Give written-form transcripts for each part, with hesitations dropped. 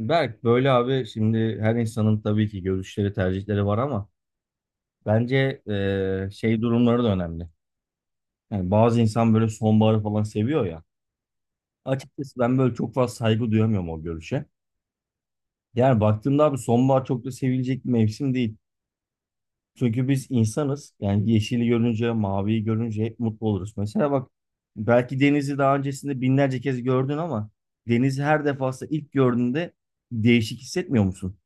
Berk böyle abi şimdi her insanın tabii ki görüşleri tercihleri var ama bence şey durumları da önemli. Yani bazı insan böyle sonbaharı falan seviyor ya. Açıkçası ben böyle çok fazla saygı duyamıyorum o görüşe. Yani baktığımda abi sonbahar çok da sevilecek bir mevsim değil. Çünkü biz insanız. Yani yeşili görünce, maviyi görünce hep mutlu oluruz. Mesela bak, belki denizi daha öncesinde binlerce kez gördün ama denizi her defasında ilk gördüğünde değişik hissetmiyor musun?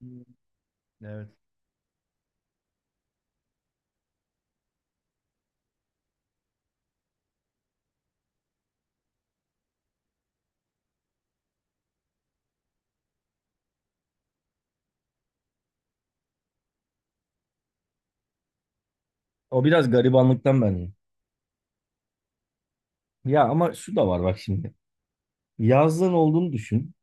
Hmm, evet. O biraz garibanlıktan bence. Ya ama şu da var, bak şimdi. Yazlığın olduğunu düşün.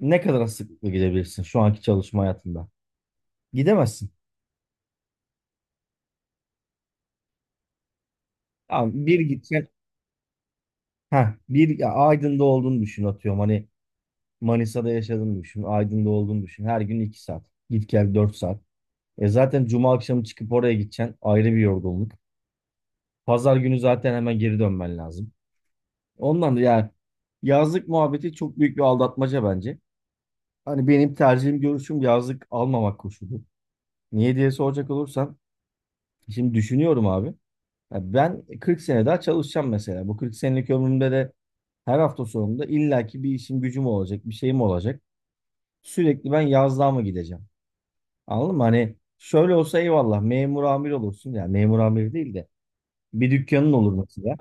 Ne kadar sıklıkla gidebilirsin şu anki çalışma hayatında? Gidemezsin. Tamam, bir gitsen, ha bir, ya Aydın'da olduğunu düşün, atıyorum. Hani Manisa'da yaşadığını düşün. Aydın'da olduğunu düşün. Her gün 2 saat. Git gel 4 saat. E zaten cuma akşamı çıkıp oraya gideceksin. Ayrı bir yorgunluk. Pazar günü zaten hemen geri dönmen lazım. Ondan da yani yazlık muhabbeti çok büyük bir aldatmaca bence. Hani benim tercihim görüşüm yazlık almamak koşulu. Niye diye soracak olursan şimdi düşünüyorum abi. Ya ben 40 sene daha çalışacağım mesela. Bu 40 senelik ömrümde de her hafta sonunda illaki bir işim gücüm olacak, bir şeyim olacak. Sürekli ben yazlığa mı gideceğim? Anladın mı? Hani şöyle olsa eyvallah memur amir olursun. Yani memur amir değil de bir dükkanın olur mesela.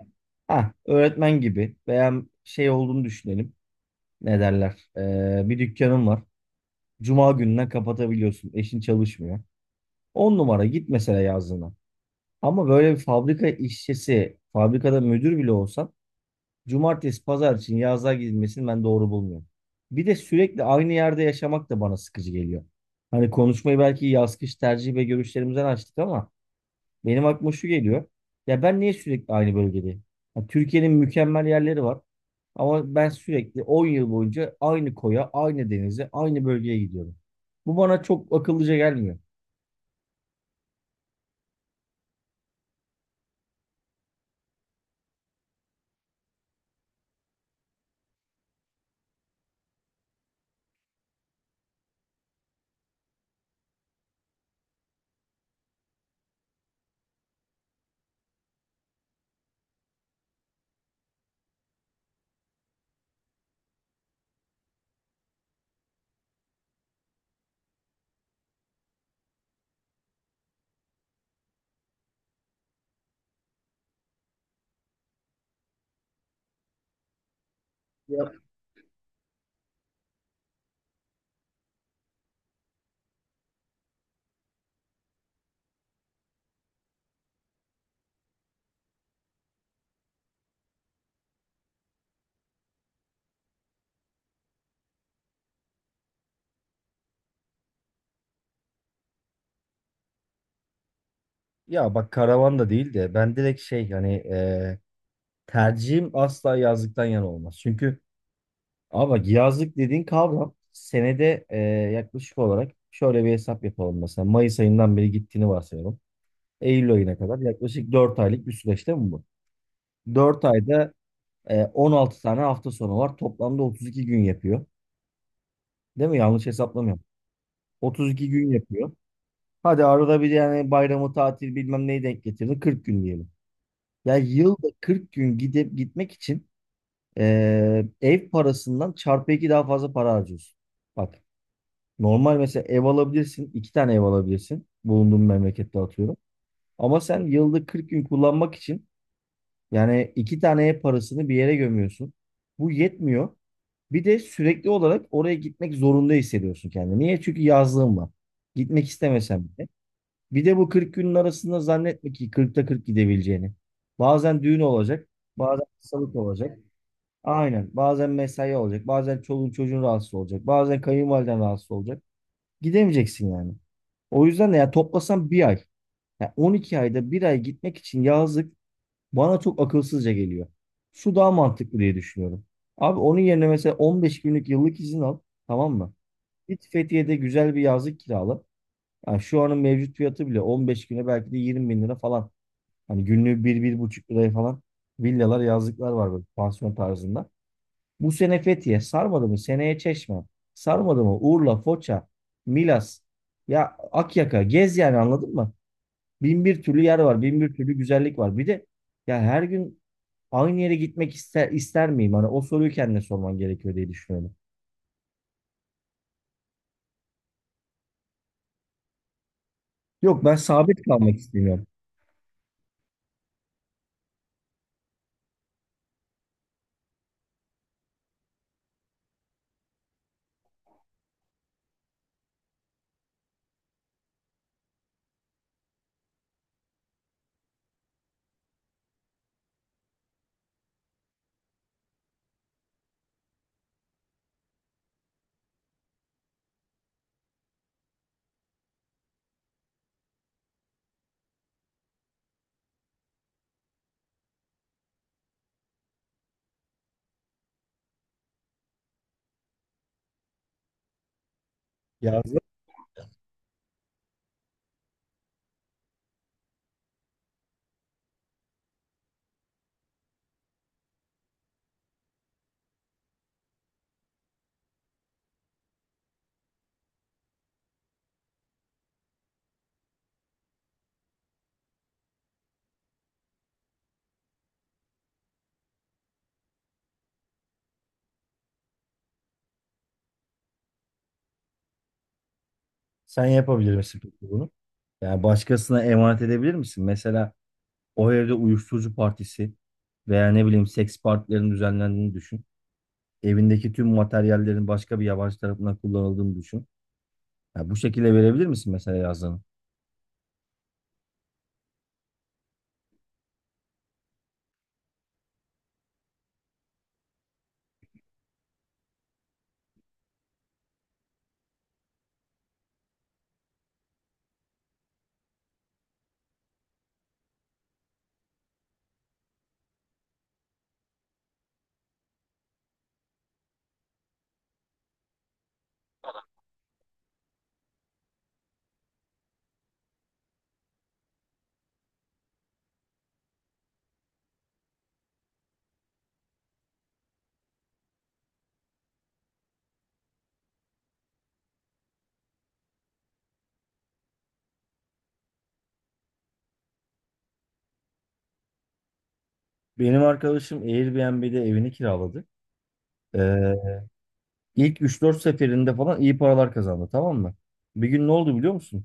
Ha, öğretmen gibi veya şey olduğunu düşünelim. Ne derler? Bir dükkanın var. Cuma gününden kapatabiliyorsun. Eşin çalışmıyor. 10 numara git mesela yazlığına. Ama böyle bir fabrika işçisi, fabrikada müdür bile olsan cumartesi, pazar için yazlığa gidilmesini ben doğru bulmuyorum. Bir de sürekli aynı yerde yaşamak da bana sıkıcı geliyor. Hani konuşmayı belki yaz kış tercih ve görüşlerimizden açtık ama benim aklıma şu geliyor. Ya ben niye sürekli aynı bölgedeyim? Ya Türkiye'nin mükemmel yerleri var ama ben sürekli 10 yıl boyunca aynı koya, aynı denize, aynı bölgeye gidiyorum. Bu bana çok akıllıca gelmiyor. Ya, ya, bak, karavan da değil de ben direkt şey, hani tercihim asla yazlıktan yana olmaz. Çünkü abi bak yazlık dediğin kavram senede yaklaşık olarak şöyle bir hesap yapalım mesela. Mayıs ayından beri gittiğini varsayalım. Eylül ayına kadar yaklaşık 4 aylık bir süreç değil mi bu? Dört ayda 16 tane hafta sonu var. Toplamda 32 gün yapıyor. Değil mi? Yanlış hesaplamıyorum. 32 gün yapıyor. Hadi arada bir yani bayramı, tatil, bilmem neyi denk getirdin. 40 gün diyelim. Ya yılda 40 gün gidip gitmek için ev parasından çarpı iki daha fazla para harcıyorsun. Bak, normal mesela ev alabilirsin. İki tane ev alabilirsin. Bulunduğun memlekette atıyorum. Ama sen yılda 40 gün kullanmak için yani iki tane ev parasını bir yere gömüyorsun. Bu yetmiyor. Bir de sürekli olarak oraya gitmek zorunda hissediyorsun kendini. Niye? Çünkü yazlığın var. Gitmek istemesen bile. Bir de bu 40 günün arasında zannetme ki kırkta 40 gidebileceğini. Bazen düğün olacak, bazen hastalık olacak. Aynen. Bazen mesai olacak. Bazen çoluğun çocuğun rahatsız olacak. Bazen kayınvaliden rahatsız olacak. Gidemeyeceksin yani. O yüzden de ya toplasan bir ay. Ya 12 ayda bir ay gitmek için yazlık bana çok akılsızca geliyor. Şu daha mantıklı diye düşünüyorum. Abi onun yerine mesela 15 günlük yıllık izin al. Tamam mı? Git Fethiye'de güzel bir yazlık kirala. Yani şu anın mevcut fiyatı bile 15 güne belki de 20 bin lira falan. Hani günlüğü bir buçuk liraya falan villalar, yazlıklar var böyle pansiyon tarzında. Bu sene Fethiye sarmadı mı? Seneye Çeşme. Sarmadı mı? Urla, Foça, Milas. Ya Akyaka, gez yani, anladın mı? Bin bir türlü yer var. Bin bir türlü güzellik var. Bir de ya, her gün aynı yere gitmek ister miyim? Hani o soruyu kendine sorman gerekiyor diye düşünüyorum. Yok ben sabit kalmak istemiyorum. Yazda sen yapabilir misin peki bunu? Yani başkasına emanet edebilir misin? Mesela o evde uyuşturucu partisi veya ne bileyim seks partilerinin düzenlendiğini düşün. Evindeki tüm materyallerin başka bir yabancı tarafından kullanıldığını düşün. Ya bu şekilde verebilir misin mesela yazdığını? Benim arkadaşım Airbnb'de evini kiraladı. Ee, ilk 3-4 seferinde falan iyi paralar kazandı, tamam mı? Bir gün ne oldu biliyor musun?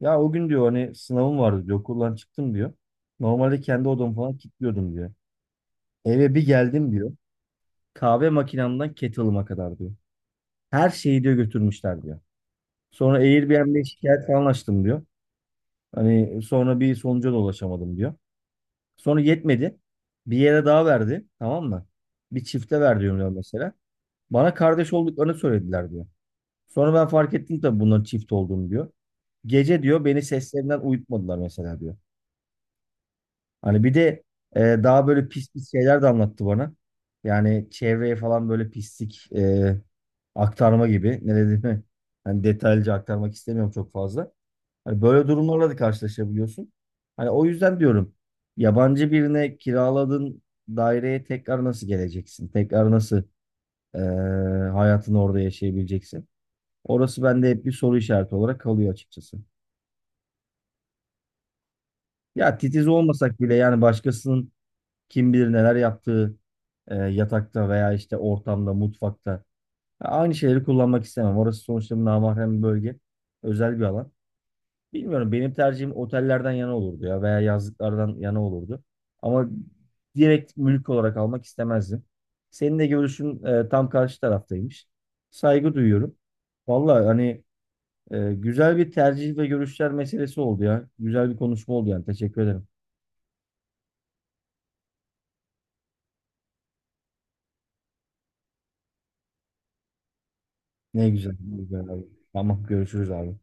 Ya o gün diyor, hani sınavım vardı diyor, okuldan çıktım diyor. Normalde kendi odamı falan kilitliyordum diyor. Eve bir geldim diyor. Kahve makinamdan kettle'ıma kadar diyor. Her şeyi diyor götürmüşler diyor. Sonra Airbnb'ye şikayet falan açtım diyor. Hani sonra bir sonuca da ulaşamadım diyor. Sonra yetmedi. Bir yere daha verdi. Tamam mı? Bir çifte ver diyor mesela. Bana kardeş olduklarını söylediler diyor. Sonra ben fark ettim tabii bunların çift olduğunu diyor. Gece diyor beni seslerinden uyutmadılar mesela diyor. Hani bir de daha böyle pis pis şeyler de anlattı bana. Yani çevreye falan böyle pislik aktarma gibi. Ne dediğimi hani detaylıca aktarmak istemiyorum çok fazla. Hani böyle durumlarla da karşılaşabiliyorsun. Hani o yüzden diyorum, yabancı birine kiraladığın daireye tekrar nasıl geleceksin? Tekrar nasıl e, hayatını orada yaşayabileceksin? Orası bende hep bir soru işareti olarak kalıyor açıkçası. Ya titiz olmasak bile yani başkasının kim bilir neler yaptığı yatakta veya işte ortamda, mutfakta. Ya aynı şeyleri kullanmak istemem. Orası sonuçta bir namahrem bir bölge. Özel bir alan. Bilmiyorum, benim tercihim otellerden yana olurdu ya veya yazlıklardan yana olurdu. Ama direkt mülk olarak almak istemezdim. Senin de görüşün tam karşı taraftaymış. Saygı duyuyorum. Vallahi hani güzel bir tercih ve görüşler meselesi oldu ya. Güzel bir konuşma oldu yani. Teşekkür ederim. Ne güzel. Ne güzel abi. Tamam görüşürüz abi.